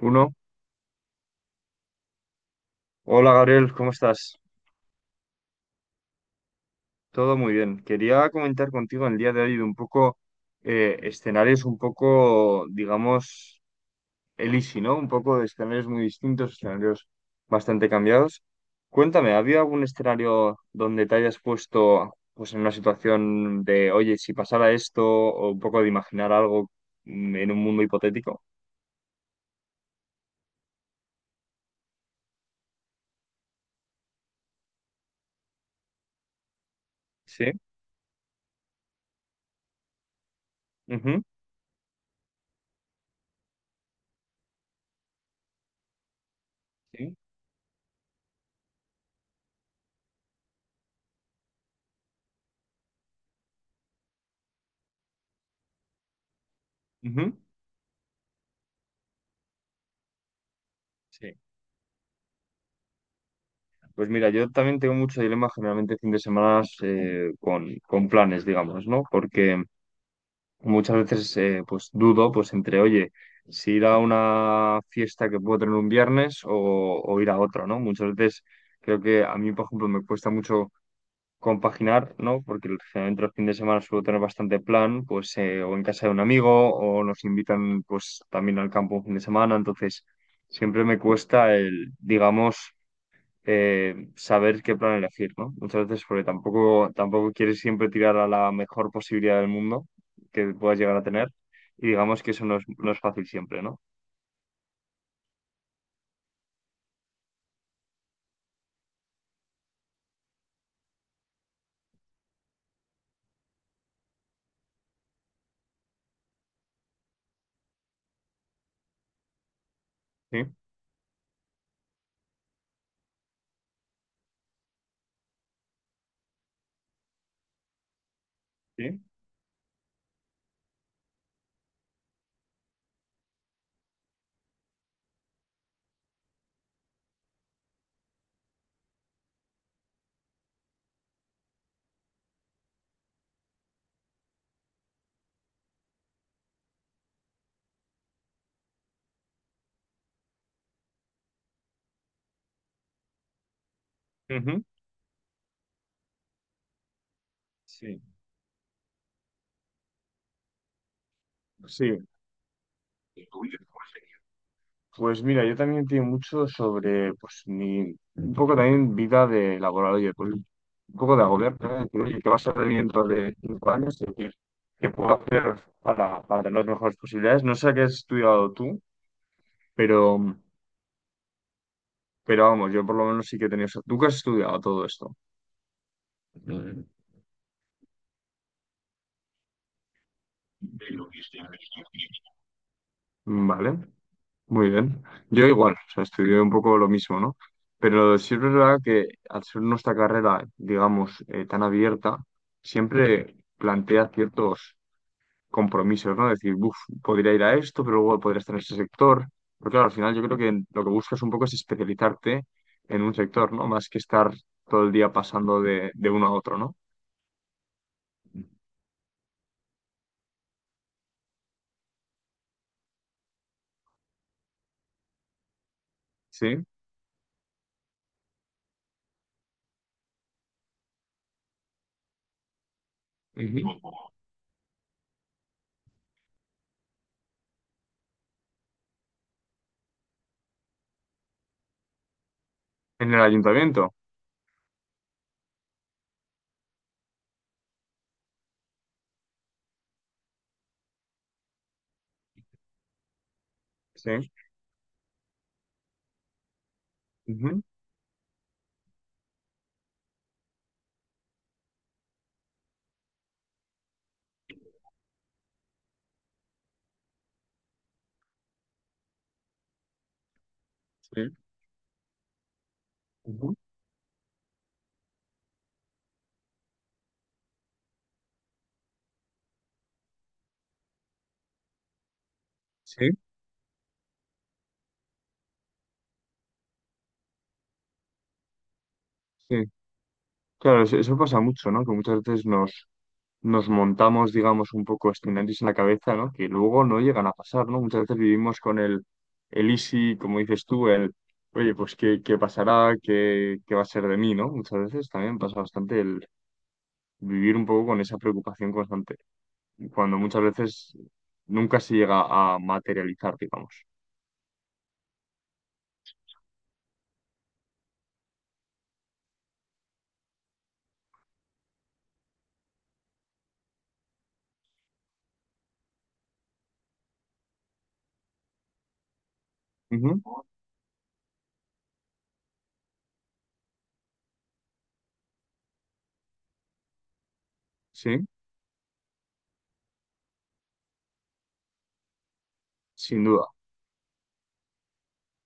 Uno. Hola Gabriel, ¿cómo estás? Todo muy bien. Quería comentar contigo en el día de hoy de un poco escenarios un poco, digamos, el easy, ¿no? Un poco de escenarios muy distintos, escenarios bastante cambiados. Cuéntame, ¿había algún escenario donde te hayas puesto pues en una situación de, oye, si pasara esto, o un poco de imaginar algo en un mundo hipotético? Sí. Ujú. Sí. Ujú. Sí. Pues mira, yo también tengo mucho dilema generalmente fin de semana con planes, digamos, ¿no? Porque muchas veces pues dudo pues entre, oye, si ir a una fiesta que puedo tener un viernes o ir a otra, ¿no? Muchas veces creo que a mí, por ejemplo, me cuesta mucho compaginar, ¿no? Porque generalmente los fines de semana suelo tener bastante plan, pues o en casa de un amigo o nos invitan pues también al campo un fin de semana, entonces siempre me cuesta el, digamos saber qué plan elegir, ¿no? Muchas veces porque tampoco quieres siempre tirar a la mejor posibilidad del mundo que puedas llegar a tener y digamos que eso no es, no es fácil siempre, ¿no? Sí, sí, ujú, sí, sí. Pues mira, yo también entiendo mucho sobre pues mi un poco también vida de laboral, oye, pues un poco de agobiar, ¿no? De decir, oye, ¿qué va a ser de mí dentro de 5 años? Es decir, ¿qué puedo hacer para tener las mejores posibilidades? No sé qué has estudiado tú, pero Pero vamos, yo por lo menos sí que he tenido... ¿Tú qué has estudiado todo esto? Mm. Vale, muy bien. Yo igual, o sea, estudié un poco lo mismo, ¿no? Pero sí es verdad que al ser nuestra carrera, digamos, tan abierta, siempre plantea ciertos compromisos, ¿no? Decir, uff, podría ir a esto, pero luego podría estar en ese sector. Pero claro, al final yo creo que lo que buscas un poco es especializarte en un sector, ¿no? Más que estar todo el día pasando de uno a otro, ¿no? Sí. Ujú. En el ayuntamiento, sí. Ujú, sí, ujú, sí, sí. Claro, eso pasa mucho, ¿no? Que muchas veces nos, nos montamos, digamos, un poco escenarios en la cabeza, ¿no? Que luego no llegan a pasar, ¿no? Muchas veces vivimos con el easy, como dices tú, el, oye, pues qué, qué pasará, qué, qué va a ser de mí, ¿no? Muchas veces también pasa bastante el vivir un poco con esa preocupación constante, cuando muchas veces nunca se llega a materializar, digamos. Ujú, sí, sin duda.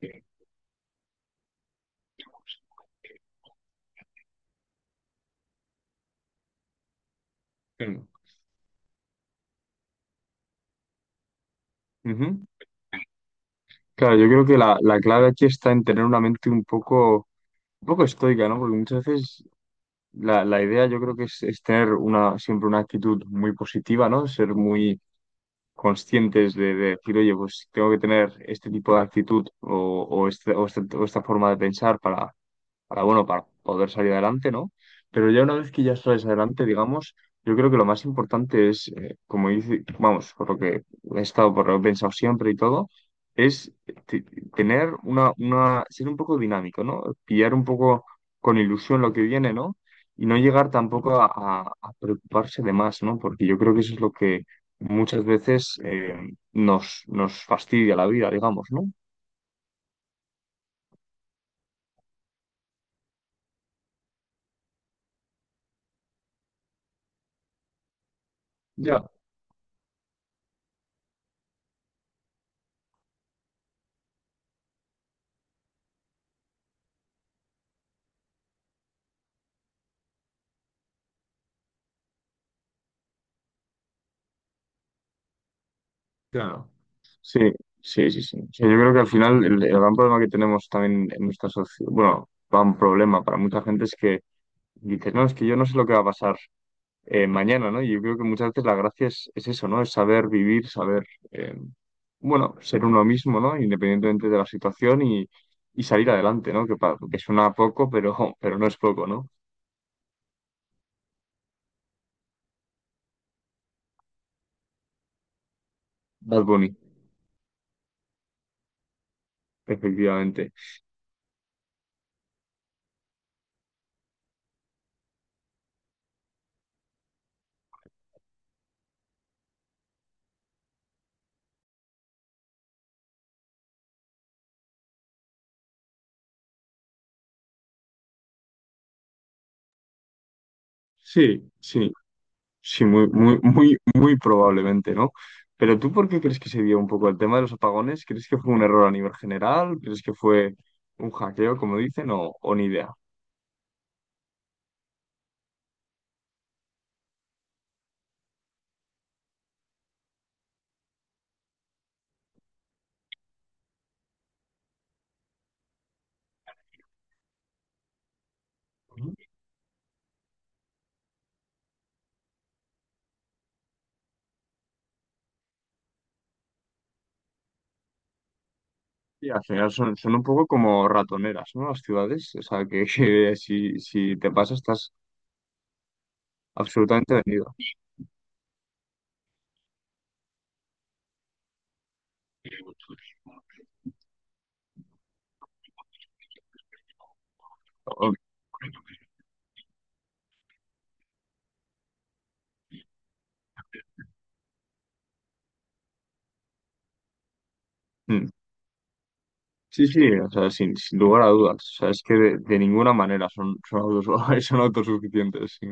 Sí. Ujú. Claro, yo creo que la clave aquí está en tener una mente un poco estoica, ¿no? Porque muchas veces la idea yo creo que es tener una, siempre una actitud muy positiva, ¿no? Ser muy conscientes de decir, oye, pues tengo que tener este tipo de actitud o, o esta forma de pensar para bueno, para poder salir adelante, ¿no? Pero ya una vez que ya sales adelante, digamos, yo creo que lo más importante es, como dice, vamos, por lo que he estado, por lo que he pensado siempre y todo, es tener una, ser un poco dinámico, ¿no? Pillar un poco con ilusión lo que viene, ¿no? Y no llegar tampoco a, a preocuparse de más, ¿no? Porque yo creo que eso es lo que muchas veces nos, nos fastidia la vida, digamos, ¿no? Ya. Claro. Sí, sí, sí, sí. O sea, yo creo que al final el gran problema que tenemos también en nuestra sociedad, bueno, gran problema para mucha gente es que dices, no, es que yo no sé lo que va a pasar mañana, ¿no? Y yo creo que muchas veces la gracia es eso, ¿no? Es saber vivir, saber, eh, bueno, ser uno mismo, ¿no? Independientemente de la situación y salir adelante, ¿no? Que, que suena poco, pero no es poco, ¿no? Bad Bunny, efectivamente. Sí, sí. Sí, muy, muy, muy, muy probablemente, ¿no? Pero tú, ¿por qué crees que se dio un poco el tema de los apagones? ¿Crees que fue un error a nivel general? ¿Crees que fue un hackeo, como dicen, o ni idea? Y al final son, son un poco como ratoneras, ¿no? Las ciudades, o sea, que si, si te pasa estás absolutamente vendido. O- mm. Sí, sí, o sea, sin, sin lugar a dudas. O sea, es que de ninguna manera son, son, son autosuficientes. Sí.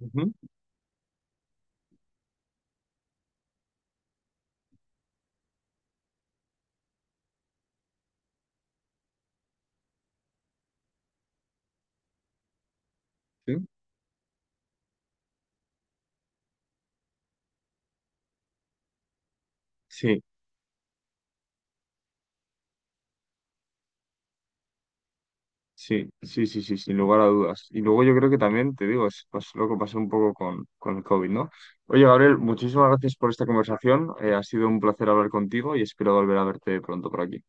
Ujú, sí. Sí, sí, sí, sí, sí, sin lugar a dudas. Y luego yo creo que también, te digo, es lo que pasó un poco con el COVID, ¿no? Oye, Gabriel, muchísimas gracias por esta conversación. Ha sido un placer hablar contigo y espero volver a verte pronto por aquí.